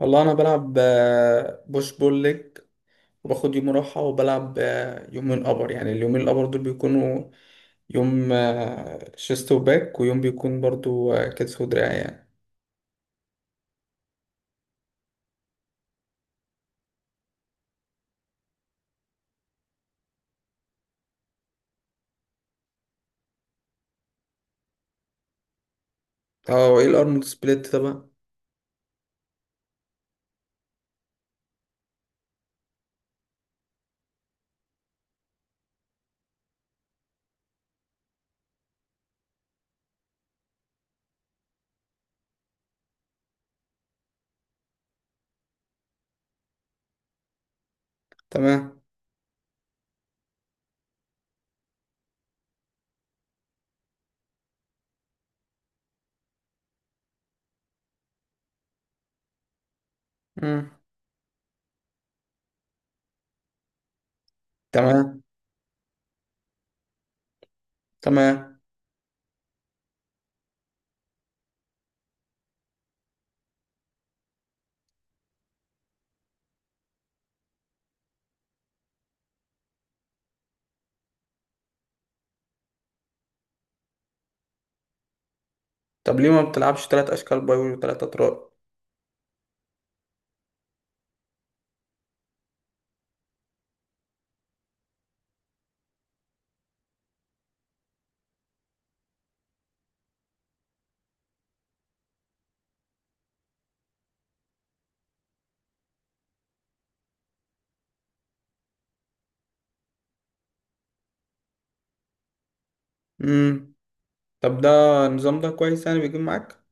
والله انا بلعب بوش بول ليج، وباخد يوم راحه وبلعب يومين ابر. يعني اليومين الابر دول بيكونوا يوم شيست وباك، ويوم بيكون برضو كتف ودراع يعني. اه، وايه الارنولد سبليت طبعا؟ تمام. مم. تمام، تمام. طب ليه ما بتلعبش تلات اشكال باي وتلات اطراء؟ امم. طب ده، النظام ده كويس يعني، بيجيب معاك؟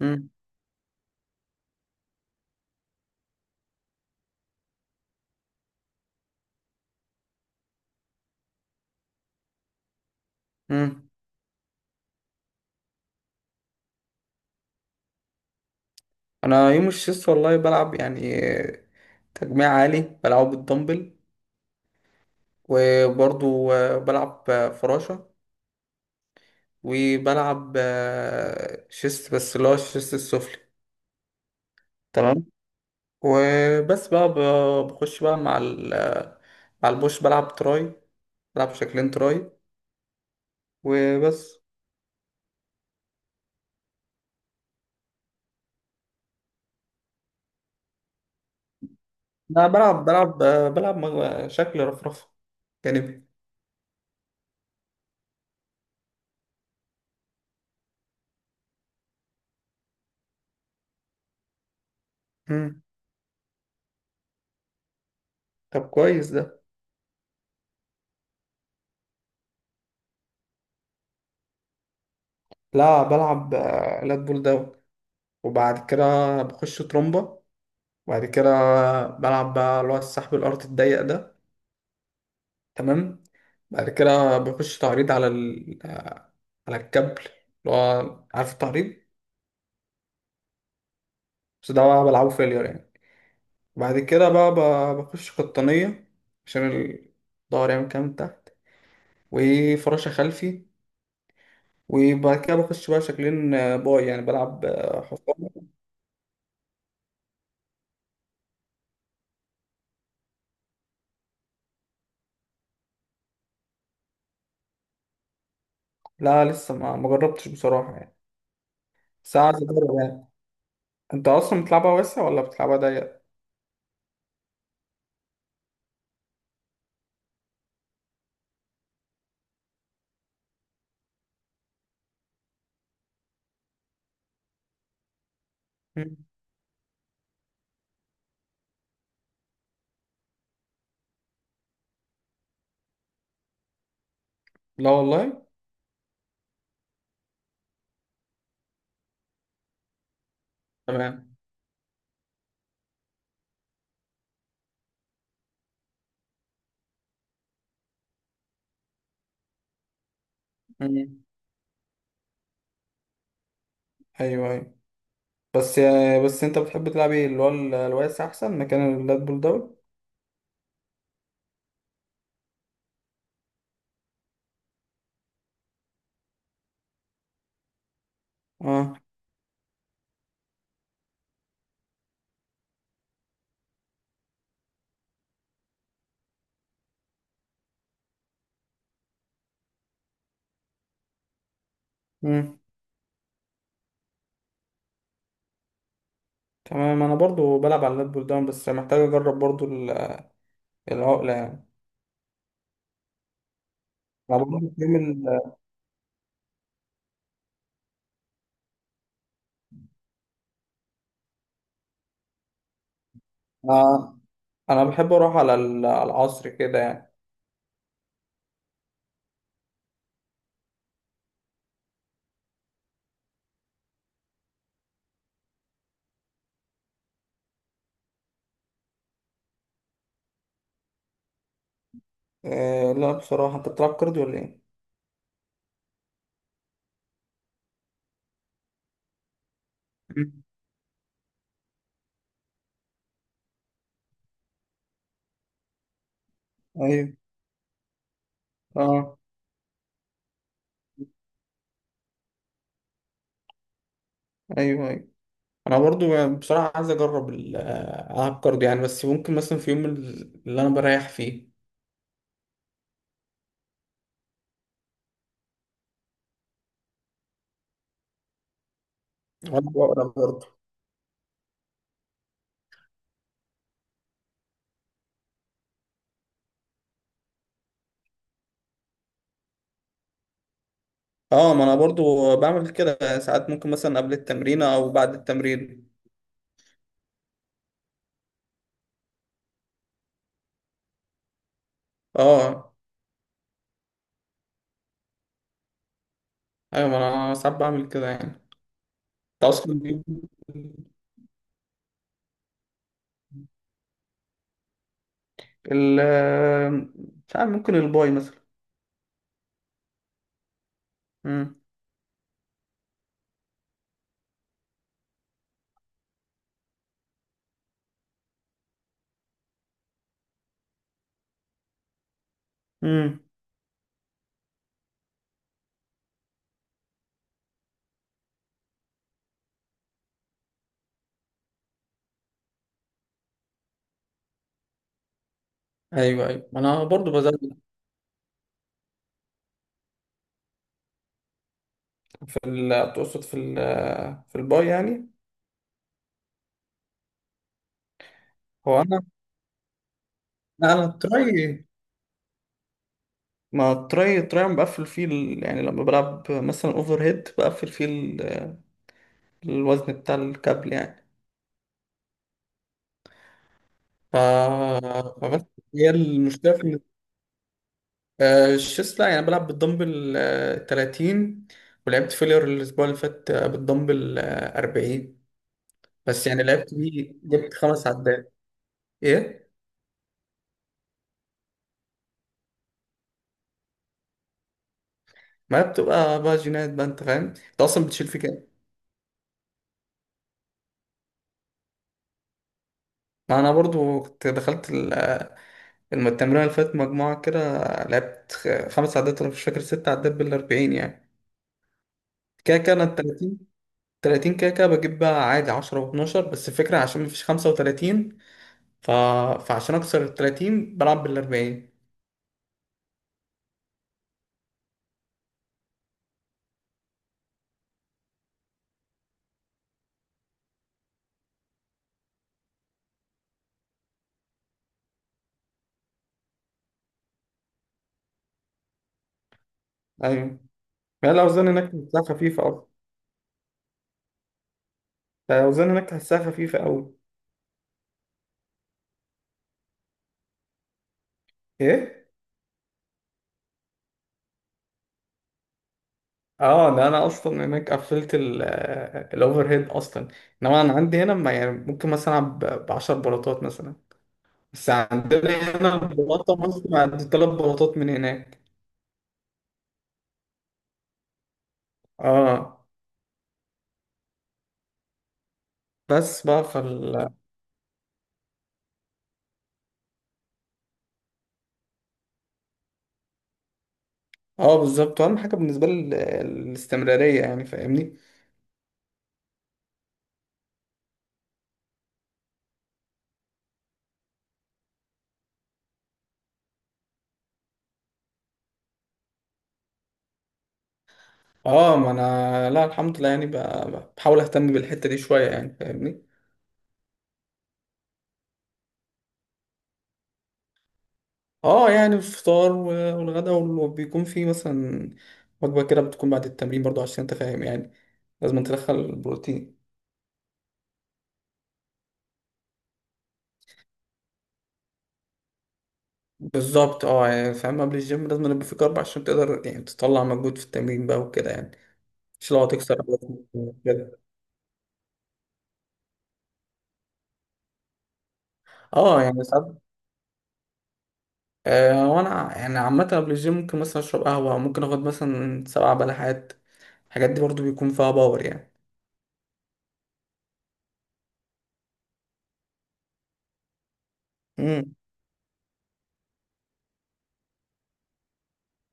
امم. امم. انا يوم الشيست والله بلعب يعني تجميع عالي بلعبه بالدمبل. وبرضو بلعب فراشة. وبلعب شيست، بس اللي هو الشيست السفلي. تمام. وبس بقى، بخش بقى مع ال آه، مع البوش، بلعب تراي، بلعب شكلين تراي وبس. أنا بلعب بلعب شكل رفرفة جانبي. مم. طب كويس ده. لا، بلعب لات بول داون. وبعد كده بخش ترومبا. وبعد كده بلعب بقى اللي هو السحب الأرض الضيق ده. تمام. بعد كده بيخش تعريض على الكابل، اللي هو عارف، التعريض. بس ده بقى بلعبه فيلير يعني. بعد كده بقى، بخش قطنية، عشان الظهر يعمل كام من تحت، وفراشة خلفي. وبعد كده بخش بقى شكلين باي، يعني بلعب حصان. لا، لسه ما جربتش بصراحة يعني. ساعة أجرب يعني. أنت أصلا بتلعبها واسع ولا بتلعبها ضيق؟ مم. لا والله. تمام. مم. أيوه، أيوه. بس يعني انت بتحب تلعب ايه؟ اللي هو الواسع احسن، مكان اللات بول داون. اه. امم. تمام. انا برضو بلعب على اللات بول داون، بس محتاج اجرب برضو العقله يعني. انا برضو في يوم انا انا بحب اروح على العصر كده يعني. لا، بصراحه، انت بتلعب كارديو ولا ايه؟ مم. ايوه. اه. ايوه، ايوه. انا برضو يعني بصراحه عايز اجرب العب كارديو يعني، بس ممكن مثلا في يوم اللي انا بريح فيه. وانا بقرا برضو. اه، ما انا برضو بعمل كده ساعات، ممكن مثلا قبل التمرين او بعد التمرين. اه، ايوه، ما انا ساعات بعمل كده يعني. انت اصلا ال مش عارف، ممكن الباي مثلا. امم. امم. ايوه، ايوه. ما انا برضو بزود. في ال تقصد في الباي يعني؟ هو انا لا، انا التراي، ما التراي، أنا بقفل فيه ال... يعني لما بلعب مثلا اوفر هيد، بقفل فيه الوزن بتاع الكابل يعني. ف... فبس، هي المشكلة. الشيست، لا يعني بلعب بالدمبل 30. ولعبت فيلير الأسبوع اللي فات بالدمبل 40، بس يعني لعبت بيه جبت 5 عدات. إيه؟ ما هي بتبقى بقى جينات بقى، أنت فاهم؟ أنت أصلا بتشيل في كام؟ ما أنا برضو كنت دخلت التمرين اللي فات مجموعة كده. لعبت 5 عدات، أنا مش فاكر، 6 عدات بال 40 يعني. كده كده أنا ال 30، 30 كده كده بجيب بقى عادي 10 و12، بس الفكرة عشان مفيش 35. ف... فعشان أكسر ال 30 بلعب بال 40. ايوه، يعني الاوزان هناك تحسها خفيفه اصلا. الاوزان هناك تحسها خفيفه قوي. ايه. اه، ده انا اصلا هناك قفلت الاوفر هيد اصلا. انما انا عندي هنا، ما يعني ممكن مثلا العب ب 10 بلاطات مثلا. بس عندنا هنا البلاطه مثلا عند 3 بلاطات من هناك. اه، بس بقى فال... اه، بالظبط، اهم حاجه بالنسبه لي الاستمراريه يعني، فاهمني. اه، ما انا، لا الحمد لله يعني، بحاول اهتم بالحته دي شويه يعني، فاهمني. اه يعني، الفطار والغدا وبيكون في مثلا وجبة كده بتكون بعد التمرين برضو، عشان انت فاهم يعني، لازم تدخل البروتين. بالظبط، اه يعني فاهم، قبل الجيم لازم يبقى في كارب، عشان تقدر يعني تطلع مجهود في التمرين بقى وكده يعني. مش لو هتكسر عضلات كده. اه يعني ساعات. وانا يعني عامة قبل الجيم ممكن مثلا اشرب قهوة، ممكن اخد مثلا 7 بلحات. الحاجات دي برضو بيكون فيها باور يعني. مم.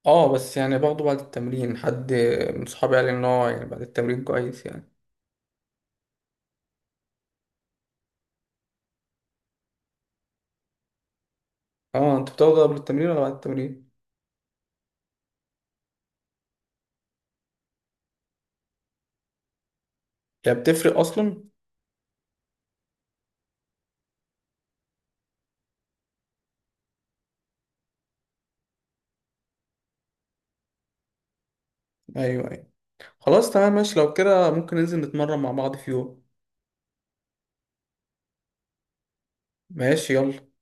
اه، بس يعني باخده بعد التمرين. حد من صحابي قال لي ان هو يعني بعد التمرين كويس يعني. اه، انت بتاخده قبل التمرين ولا بعد التمرين؟ هي بتفرق اصلا؟ ايوه، ايوه. خلاص، تمام، ماشي. لو كده ممكن ننزل نتمرن مع بعض في يوم. ماشي، يلا.